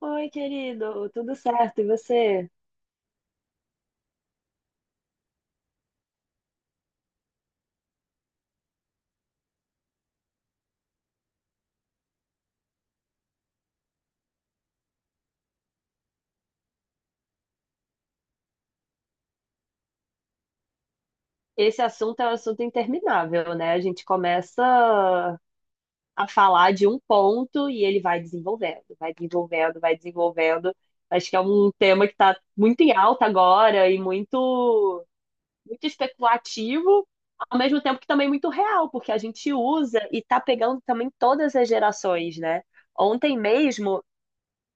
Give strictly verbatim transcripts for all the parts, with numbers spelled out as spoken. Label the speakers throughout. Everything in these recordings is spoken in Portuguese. Speaker 1: Oi, querido, tudo certo? E você? Esse assunto é um assunto interminável, né? A gente começa a falar de um ponto e ele vai desenvolvendo, vai desenvolvendo, vai desenvolvendo. Acho que é um tema que está muito em alta agora e muito, muito especulativo, ao mesmo tempo que também muito real, porque a gente usa e está pegando também todas as gerações, né? Ontem mesmo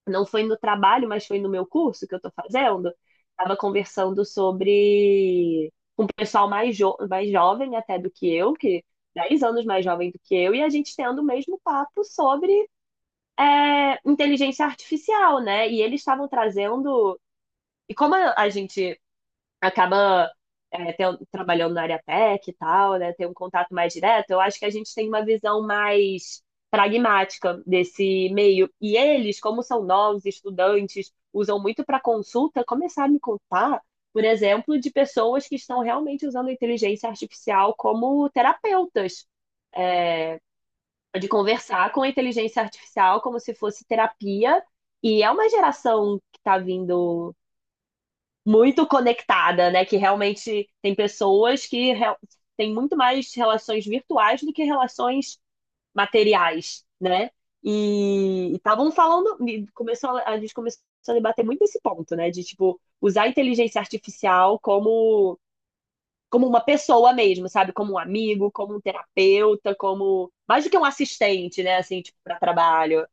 Speaker 1: não foi no trabalho, mas foi no meu curso que eu estou fazendo, estava conversando sobre um pessoal mais, jo mais jovem até do que eu, que dez anos mais jovem do que eu, e a gente tendo o mesmo papo sobre é, inteligência artificial, né? E eles estavam trazendo. E como a a gente acaba é, ten- trabalhando na área tech e tal, né? Tem um contato mais direto. Eu acho que a gente tem uma visão mais pragmática desse meio. E eles, como são novos estudantes, usam muito para consulta, começar a me contar, por exemplo, de pessoas que estão realmente usando a inteligência artificial como terapeutas. É, de conversar com a inteligência artificial como se fosse terapia. E é uma geração que está vindo muito conectada, né? Que realmente tem pessoas que re- têm muito mais relações virtuais do que relações materiais, né? E estavam falando, e começou, a a gente começou a debater muito esse ponto, né? De tipo usar a inteligência artificial como como uma pessoa mesmo, sabe? Como um amigo, como um terapeuta, como mais do que um assistente, né? Assim, tipo, para trabalho.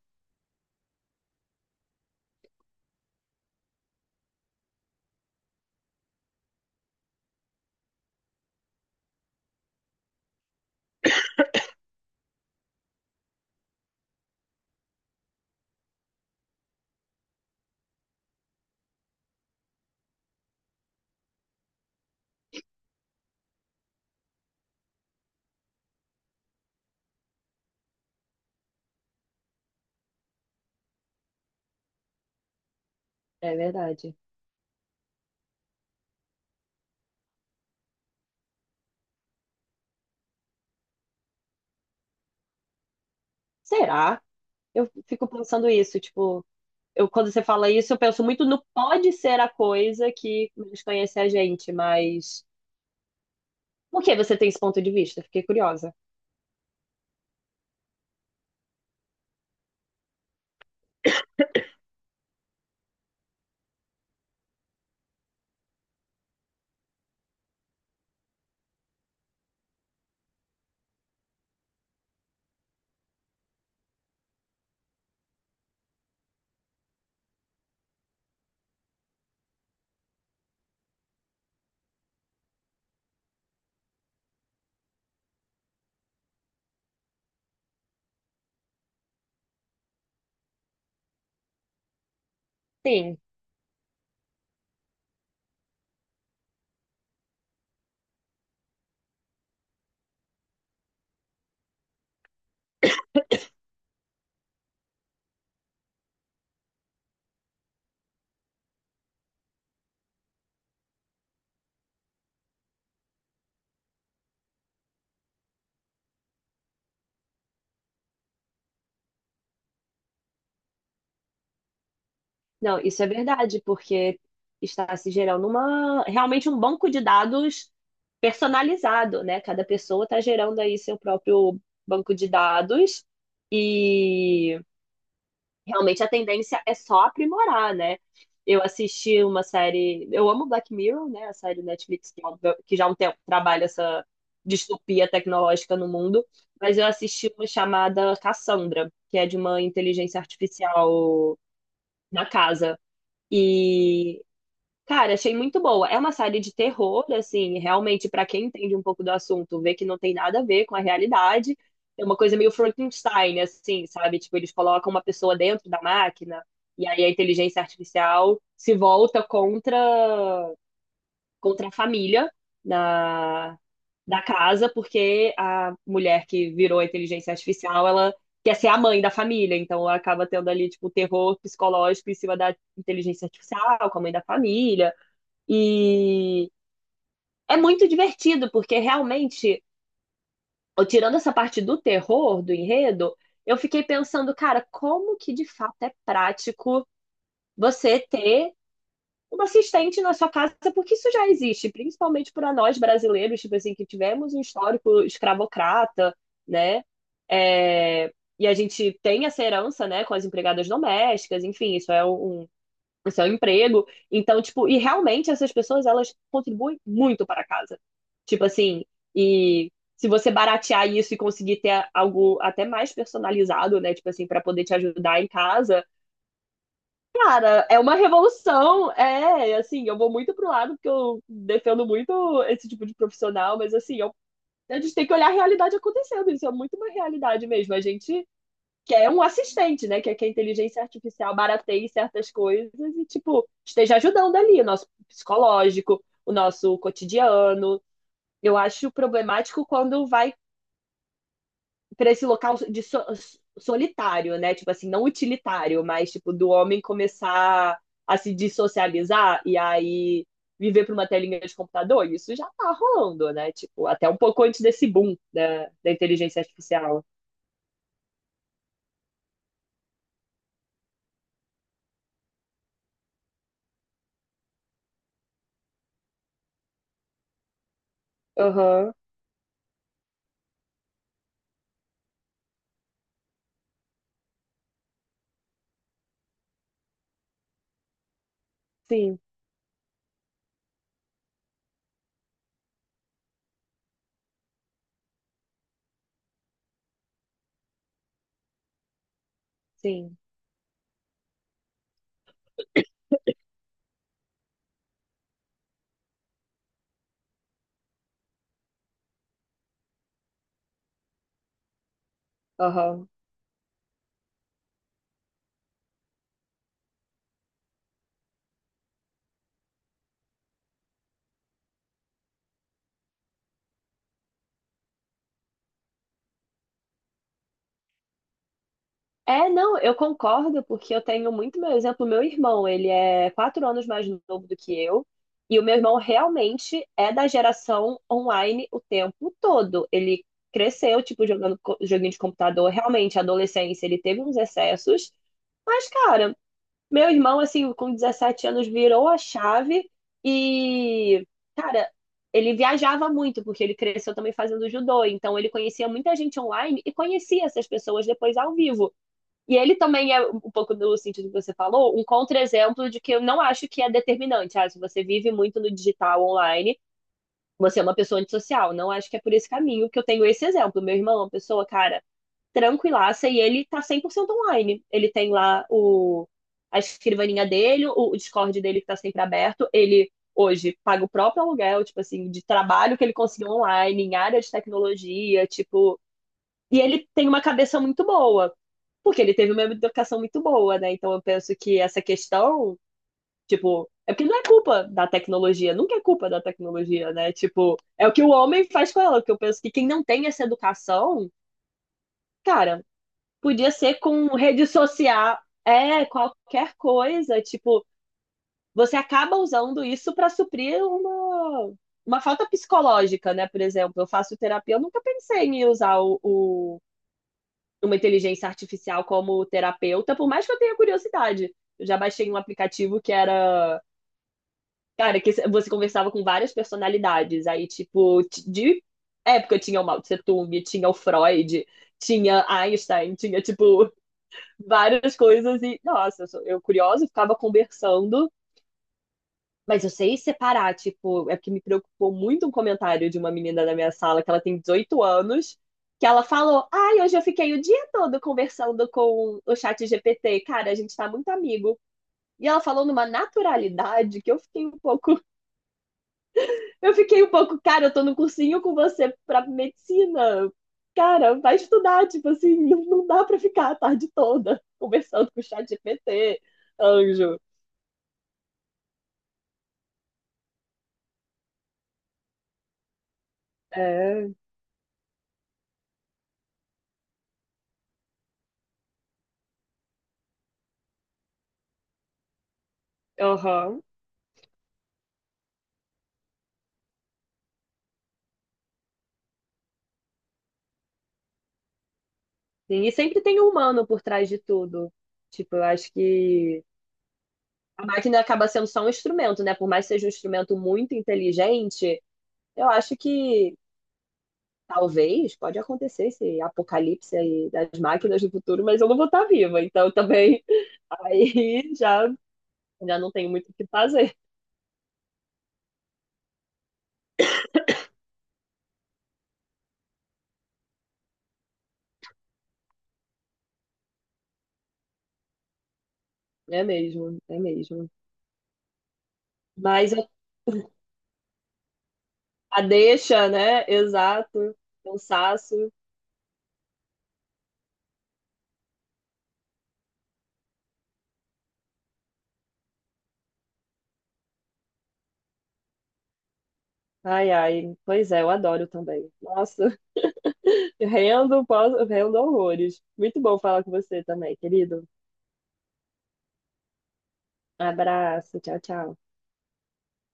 Speaker 1: É verdade. Será? Eu fico pensando isso, tipo eu, quando você fala isso, eu penso muito no pode ser a coisa que desconhece a gente, mas por que você tem esse ponto de vista? Fiquei curiosa. Sim, não, isso é verdade, porque está se gerando uma realmente um banco de dados personalizado, né? Cada pessoa está gerando aí seu próprio banco de dados e realmente a tendência é só aprimorar, né? Eu assisti uma série, eu amo Black Mirror, né? A série Netflix que é um, que já há um tempo trabalha essa distopia tecnológica no mundo, mas eu assisti uma chamada Cassandra, que é de uma inteligência artificial na casa. E, cara, achei muito boa. É uma série de terror, assim, realmente, pra quem entende um pouco do assunto, vê que não tem nada a ver com a realidade. É uma coisa meio Frankenstein, assim, sabe? Tipo, eles colocam uma pessoa dentro da máquina e aí a inteligência artificial se volta contra, contra a família na, da casa, porque a mulher que virou a inteligência artificial, ela quer ser a mãe da família, então acaba tendo ali, tipo, terror psicológico em cima da inteligência artificial, com a mãe da família. E é muito divertido, porque realmente, ó, tirando essa parte do terror, do enredo, eu fiquei pensando, cara, como que de fato é prático você ter uma assistente na sua casa, porque isso já existe, principalmente para nós brasileiros, tipo assim, que tivemos um histórico escravocrata, né? É, E a gente tem essa herança, né, com as empregadas domésticas, enfim, isso é um o seu emprego. Então, tipo, e realmente essas pessoas, elas contribuem muito para a casa. Tipo assim, e se você baratear isso e conseguir ter algo até mais personalizado, né, tipo assim, para poder te ajudar em casa, cara, é uma revolução. É, assim, eu vou muito pro lado porque eu defendo muito esse tipo de profissional, mas assim, eu a gente tem que olhar a realidade acontecendo, isso é muito uma realidade mesmo. A gente que é um assistente, né? Que é que a inteligência artificial barateie certas coisas e, tipo, esteja ajudando ali o nosso psicológico, o nosso cotidiano. Eu acho problemático quando vai para esse local de so- solitário, né? Tipo assim, não utilitário, mas tipo do homem começar a se dissocializar e aí viver para uma telinha de computador. Isso já tá rolando, né? Tipo, até um pouco antes desse boom da, da inteligência artificial. Aham, sim, sim. Aham. É, não, eu concordo, porque eu tenho muito meu exemplo. Meu irmão, ele é quatro anos mais novo do que eu, e o meu irmão realmente é da geração online o tempo todo. Ele cresceu, tipo, jogando co- joguinho de computador, realmente, a adolescência, ele teve uns excessos, mas, cara, meu irmão, assim, com 17 anos, virou a chave e, cara, ele viajava muito, porque ele cresceu também fazendo judô, então ele conhecia muita gente online e conhecia essas pessoas depois ao vivo. E ele também é um pouco no sentido que você falou, um contra-exemplo de que eu não acho que é determinante. Ah, se você vive muito no digital online, você é uma pessoa antissocial. Não acho que é por esse caminho que eu tenho esse exemplo. Meu irmão é uma pessoa, cara, tranquilaça e ele tá cem por cento online. Ele tem lá o, a escrivaninha dele, o, o Discord dele que tá sempre aberto. Ele hoje paga o próprio aluguel, tipo assim, de trabalho que ele conseguiu online, em área de tecnologia, tipo. E ele tem uma cabeça muito boa. Porque ele teve uma educação muito boa, né? Então eu penso que essa questão, tipo, é porque não é culpa da tecnologia, nunca é culpa da tecnologia, né? Tipo, é o que o homem faz com ela, que eu penso que quem não tem essa educação, cara, podia ser com rede social, é, qualquer coisa, tipo, você acaba usando isso para suprir uma uma falta psicológica, né? Por exemplo, eu faço terapia, eu nunca pensei em usar o, o numa inteligência artificial como terapeuta, por mais que eu tenha curiosidade. Eu já baixei um aplicativo que era. Cara, que você conversava com várias personalidades. Aí, tipo, de época tinha o Mao Tse Tung, tinha o Freud, tinha Einstein, tinha, tipo, várias coisas. E, nossa, eu, sou, eu curiosa, ficava conversando, mas eu sei separar, tipo, é porque me preocupou muito um comentário de uma menina da minha sala, que ela tem dezoito anos, que ela falou: Ai, hoje eu fiquei o dia todo conversando com o chat G P T, cara, a gente tá muito amigo. E ela falou numa naturalidade que eu fiquei um pouco. Eu fiquei um pouco, cara, eu tô no cursinho com você pra medicina. Cara, vai estudar, tipo assim, não não dá pra ficar a tarde toda conversando com o chat G P T, anjo. É, aham. Sim, e sempre tem um humano por trás de tudo. Tipo, eu acho que a máquina acaba sendo só um instrumento, né? Por mais que seja um instrumento muito inteligente, eu acho que talvez pode acontecer esse apocalipse aí das máquinas no futuro, mas eu não vou estar viva, então também aí já, já não tenho muito o que fazer. É mesmo, é mesmo. Mas a deixa, né? Exato. Cansaço. Ai, ai. Pois é, eu adoro também. Nossa. Rendo, posso, rendo horrores. Muito bom falar com você também, querido. Abraço, tchau, tchau.